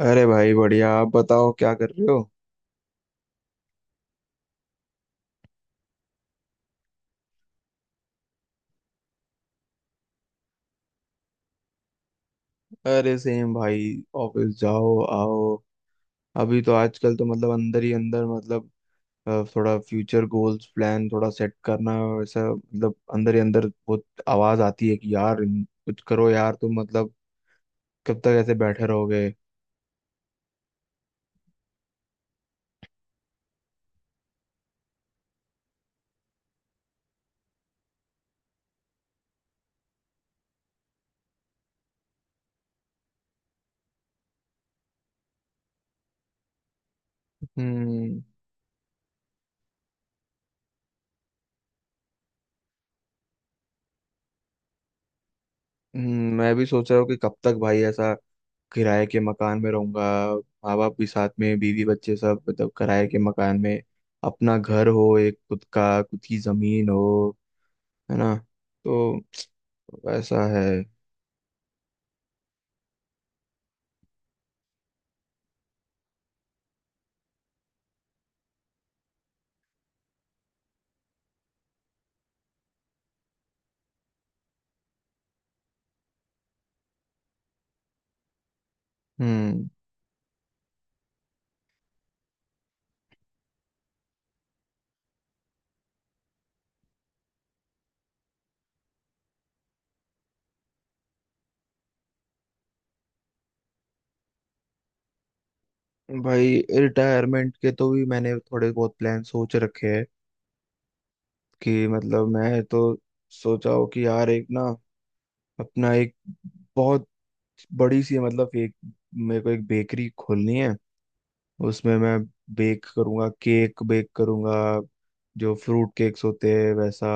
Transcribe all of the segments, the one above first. अरे भाई बढ़िया। आप बताओ क्या कर रहे हो? अरे सेम भाई। ऑफिस जाओ आओ। अभी तो आजकल तो मतलब अंदर ही अंदर मतलब थोड़ा फ्यूचर गोल्स प्लान थोड़ा सेट करना वैसा मतलब अंदर ही अंदर बहुत आवाज आती है कि यार कुछ करो यार तुम मतलब कब तक ऐसे बैठे रहोगे। हम्म। मैं भी सोच रहा हूँ कि कब तक भाई ऐसा किराए के मकान में रहूंगा। माँ बाप भी साथ में, बीवी बच्चे सब मतलब किराए के मकान में। अपना घर हो एक, खुद का, खुद की जमीन हो, है ना? तो वैसा है। हम्म। भाई रिटायरमेंट के तो भी मैंने थोड़े बहुत प्लान सोच रखे हैं कि मतलब मैं तो सोचा हूँ कि यार एक ना अपना एक बहुत बड़ी सी मतलब एक, मेरे को एक बेकरी खोलनी है। उसमें मैं बेक करूंगा, केक बेक करूंगा, जो फ्रूट केक्स होते हैं वैसा,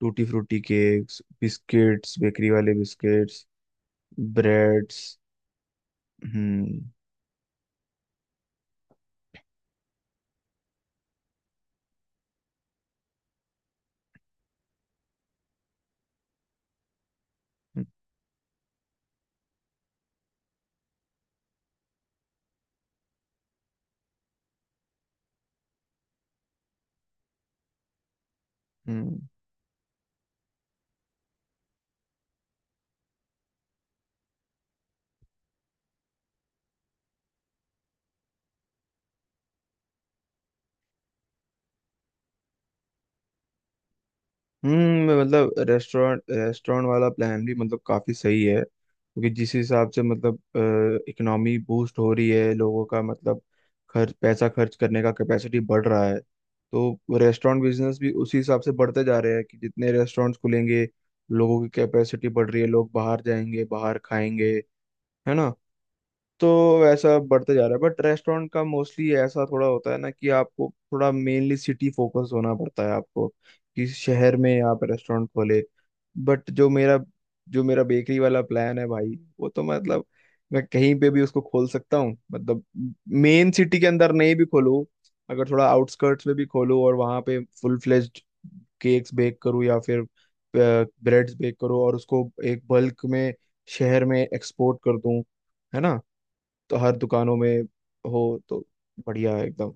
tutti frutti cakes, biscuits, bakery वाले बिस्किट्स, ब्रेड्स। हम्म। हम्म। हम्म। मतलब रेस्टोरेंट रेस्टोरेंट वाला प्लान भी मतलब काफी सही है क्योंकि जिस हिसाब से मतलब इकोनॉमी बूस्ट हो रही है, लोगों का मतलब खर्च, पैसा खर्च करने का कैपेसिटी बढ़ रहा है, तो रेस्टोरेंट बिजनेस भी उसी हिसाब से बढ़ते जा रहे हैं कि जितने रेस्टोरेंट्स खुलेंगे, लोगों की कैपेसिटी बढ़ रही है, लोग बाहर जाएंगे, बाहर खाएंगे, है ना? तो वैसा बढ़ते जा रहा है। बट रेस्टोरेंट का मोस्टली ऐसा थोड़ा होता है ना कि आपको थोड़ा मेनली सिटी फोकस होना पड़ता है आपको, कि शहर में आप रेस्टोरेंट खोले। बट जो मेरा बेकरी वाला प्लान है भाई, वो तो मतलब मैं कहीं पे भी उसको खोल सकता हूँ। मतलब मेन सिटी के अंदर नहीं भी खोलूँ, अगर थोड़ा आउटस्कर्ट्स में भी खोलूँ और वहाँ पे फुल फ्लेज्ड केक्स बेक करूँ या फिर ब्रेड्स बेक करूँ और उसको एक बल्क में शहर में एक्सपोर्ट कर दूँ, है ना? तो हर दुकानों में हो, तो बढ़िया है एकदम।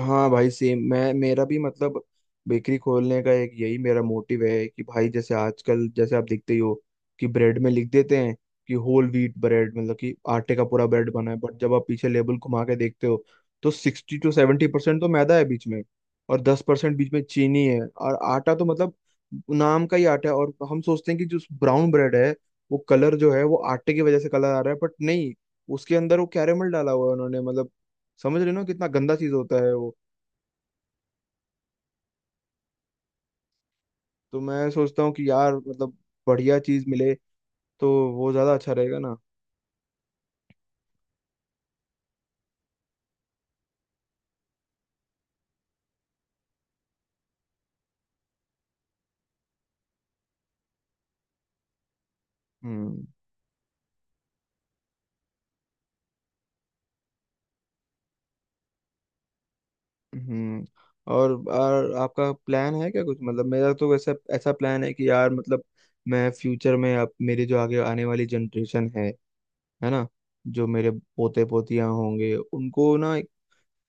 हाँ भाई सेम। मैं, मेरा भी मतलब बेकरी खोलने का एक यही मेरा मोटिव है कि भाई जैसे आजकल, जैसे आप देखते ही हो कि ब्रेड में लिख देते हैं कि होल व्हीट ब्रेड, मतलब कि आटे का पूरा ब्रेड बना है। बट जब आप पीछे लेबल घुमा के देखते हो तो 60 to 70% तो मैदा है बीच में, और 10% बीच में चीनी है, और आटा तो मतलब नाम का ही आटा है। और हम सोचते हैं कि जो ब्राउन ब्रेड है वो कलर जो है वो आटे की वजह से कलर आ रहा है, बट नहीं, उसके अंदर वो कैरेमल डाला हुआ है उन्होंने, मतलब समझ रहे हो ना कितना गंदा चीज होता है वो। तो मैं सोचता हूँ कि यार मतलब बढ़िया चीज मिले तो वो ज्यादा अच्छा रहेगा ना। हम्म। हम्म। और आपका प्लान है क्या कुछ? मतलब मेरा तो वैसा ऐसा प्लान है कि यार मतलब मैं फ्यूचर में, अब मेरे जो आगे आने वाली जनरेशन है ना, जो मेरे पोते पोतियां होंगे, उनको ना एक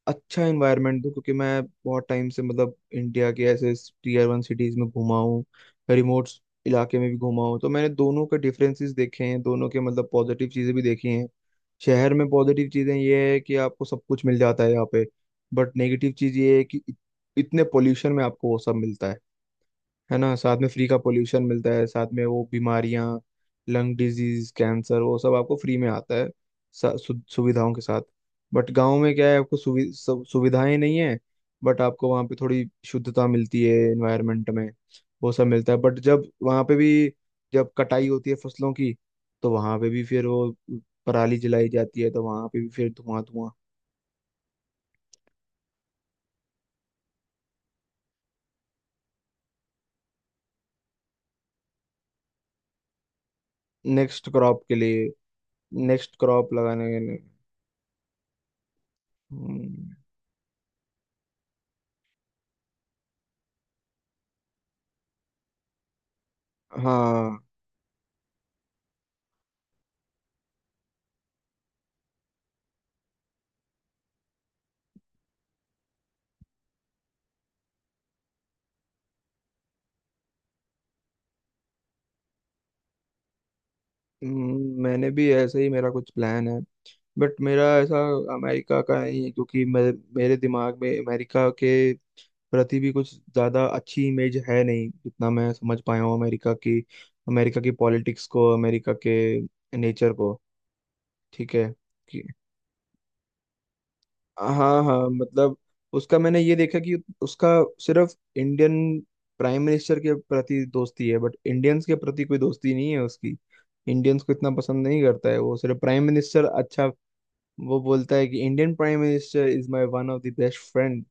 अच्छा एनवायरनमेंट दूं। क्योंकि मैं बहुत टाइम से मतलब इंडिया के ऐसे टीयर वन सिटीज में घुमा हूँ, रिमोट इलाके में भी घुमा हूँ। तो मैंने दोनों के डिफरेंसेस देखे हैं, दोनों के मतलब पॉजिटिव चीजें भी देखी हैं। शहर में पॉजिटिव चीजें ये है कि आपको सब कुछ मिल जाता है यहाँ पे। बट नेगेटिव चीज ये है कि इतने पोल्यूशन में आपको वो सब मिलता है ना, साथ में फ्री का पोल्यूशन मिलता है, साथ में वो बीमारियां, लंग डिजीज, कैंसर वो सब आपको फ्री में आता है सुविधाओं के साथ। बट गांव में क्या है, आपको सुविधाएं नहीं है, बट आपको वहाँ पे थोड़ी शुद्धता मिलती है एनवायरनमेंट में, वो सब मिलता है। बट जब वहाँ पे भी, जब कटाई होती है फसलों की, तो वहाँ पे भी फिर वो पराली जलाई जाती है, तो वहाँ पे भी फिर धुआं धुआं। नेक्स्ट क्रॉप के लिए, नेक्स्ट क्रॉप लगाने के लिए। हम्म, हाँ। मैंने भी ऐसे ही मेरा कुछ प्लान है, बट मेरा ऐसा अमेरिका का नहीं है क्योंकि मैं, मेरे दिमाग में अमेरिका के प्रति भी कुछ ज़्यादा अच्छी इमेज है नहीं, जितना मैं समझ पाया हूँ अमेरिका की, अमेरिका की पॉलिटिक्स को, अमेरिका के नेचर को। ठीक है कि हाँ हाँ, मतलब उसका मैंने ये देखा कि उसका सिर्फ इंडियन प्राइम मिनिस्टर के प्रति दोस्ती है, बट इंडियंस के प्रति कोई दोस्ती नहीं है उसकी, इंडियंस को इतना पसंद नहीं करता है वो, सिर्फ प्राइम मिनिस्टर अच्छा। वो बोलता है कि Indian prime minister is my one of the best friend.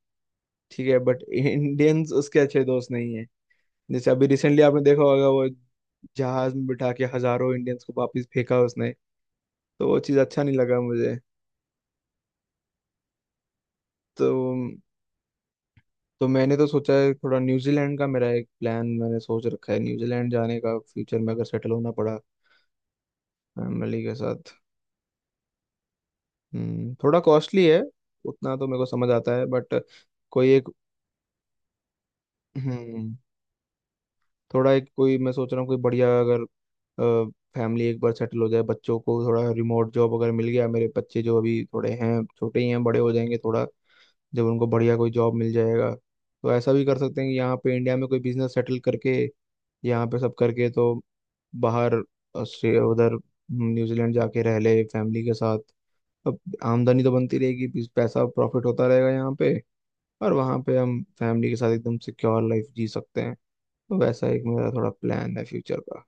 ठीक है, बट इंडियंस उसके अच्छे दोस्त नहीं है। जैसे अभी रिसेंटली आपने देखा होगा वो जहाज में बिठा के हजारों इंडियंस को वापस फेंका उसने। तो वो चीज़ अच्छा नहीं लगा मुझे। तो तो मैंने तो सोचा है थोड़ा न्यूजीलैंड का, मेरा एक प्लान मैंने सोच रखा है न्यूजीलैंड जाने का फ्यूचर में, अगर सेटल होना पड़ा फैमिली के साथ। थोड़ा कॉस्टली है उतना तो मेरे को समझ आता है, बट कोई एक, हम्म, थोड़ा एक कोई मैं सोच रहा हूँ, कोई बढ़िया अगर फैमिली एक बार सेटल हो जाए, बच्चों को थोड़ा रिमोट जॉब अगर मिल गया, मेरे बच्चे जो अभी थोड़े हैं छोटे ही हैं, बड़े हो जाएंगे थोड़ा, जब उनको बढ़िया कोई जॉब मिल जाएगा, तो ऐसा भी कर सकते हैं कि यहाँ पे इंडिया में कोई बिजनेस सेटल करके यहाँ पे सब करके तो बाहर ऑस्ट्रेलिया उधर न्यूजीलैंड जाके रह ले फैमिली के साथ। अब आमदनी तो बनती रहेगी, पैसा प्रॉफिट होता रहेगा यहाँ पे, और वहाँ पे हम फैमिली के साथ एकदम सिक्योर लाइफ जी सकते हैं। तो वैसा एक मेरा थोड़ा प्लान है फ्यूचर का।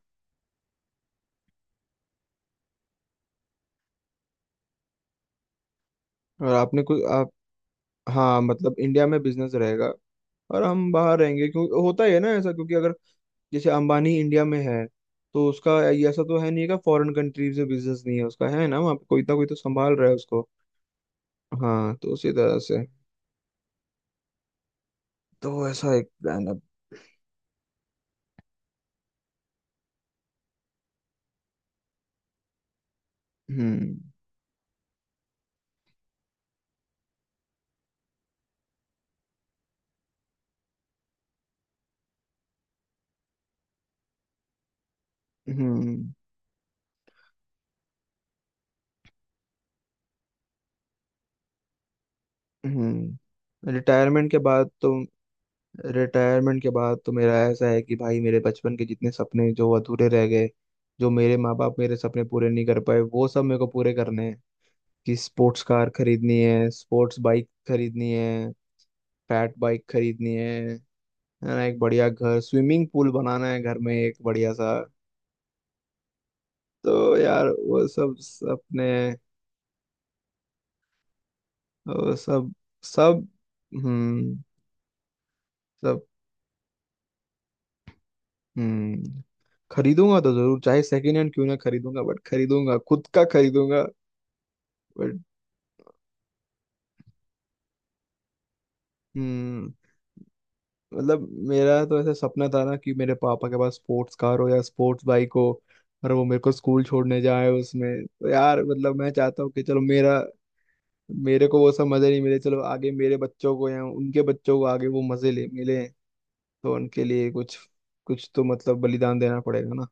और आपने कोई आप, हाँ मतलब इंडिया में बिजनेस रहेगा और हम बाहर रहेंगे क्योंकि होता ही है ना ऐसा, क्योंकि अगर जैसे अंबानी इंडिया में है, तो उसका ये ऐसा तो है नहीं का फॉरेन कंट्रीज में बिजनेस नहीं है उसका, है ना, वहाँ पे कोई ना कोई तो संभाल रहा है उसको। हाँ तो उसी तरह से तो ऐसा एक प्लान अब। हम्म। हम्म। हम्म। रिटायरमेंट के बाद तो, रिटायरमेंट के बाद तो मेरा ऐसा है कि भाई मेरे बचपन के जितने सपने जो अधूरे रह गए, जो मेरे माँ बाप मेरे सपने पूरे नहीं कर पाए, वो सब मेरे को पूरे करने हैं। कि स्पोर्ट्स कार खरीदनी है, स्पोर्ट्स बाइक खरीदनी है, फैट बाइक खरीदनी है ना, एक बढ़िया घर, स्विमिंग पूल बनाना है घर में एक बढ़िया सा। तो यार वो सब अपने वो सब। सब। हम्म। सब। हम्म। खरीदूंगा तो जरूर, चाहे सेकंड हैंड क्यों ना खरीदूंगा, बट खरीदूंगा खुद का खरीदूंगा। बट हम्म, मतलब मेरा तो ऐसा सपना था ना कि मेरे पापा के पास स्पोर्ट्स कार हो या स्पोर्ट्स बाइक हो, और वो मेरे को स्कूल छोड़ने जाए उसमें, तो यार मतलब मैं चाहता हूँ कि चलो मेरा, मेरे को वो सब मजे नहीं मिले, चलो आगे मेरे बच्चों को या उनके बच्चों को आगे वो मजे ले मिले, तो उनके लिए कुछ कुछ तो मतलब बलिदान देना पड़ेगा ना।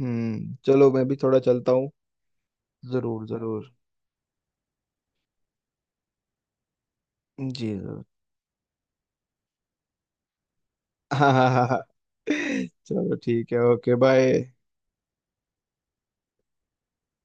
चलो मैं भी थोड़ा चलता हूँ। जरूर जरूर। जी जरूर। हाँ हाँ हाँ हाँ। चलो ठीक है ओके बाय।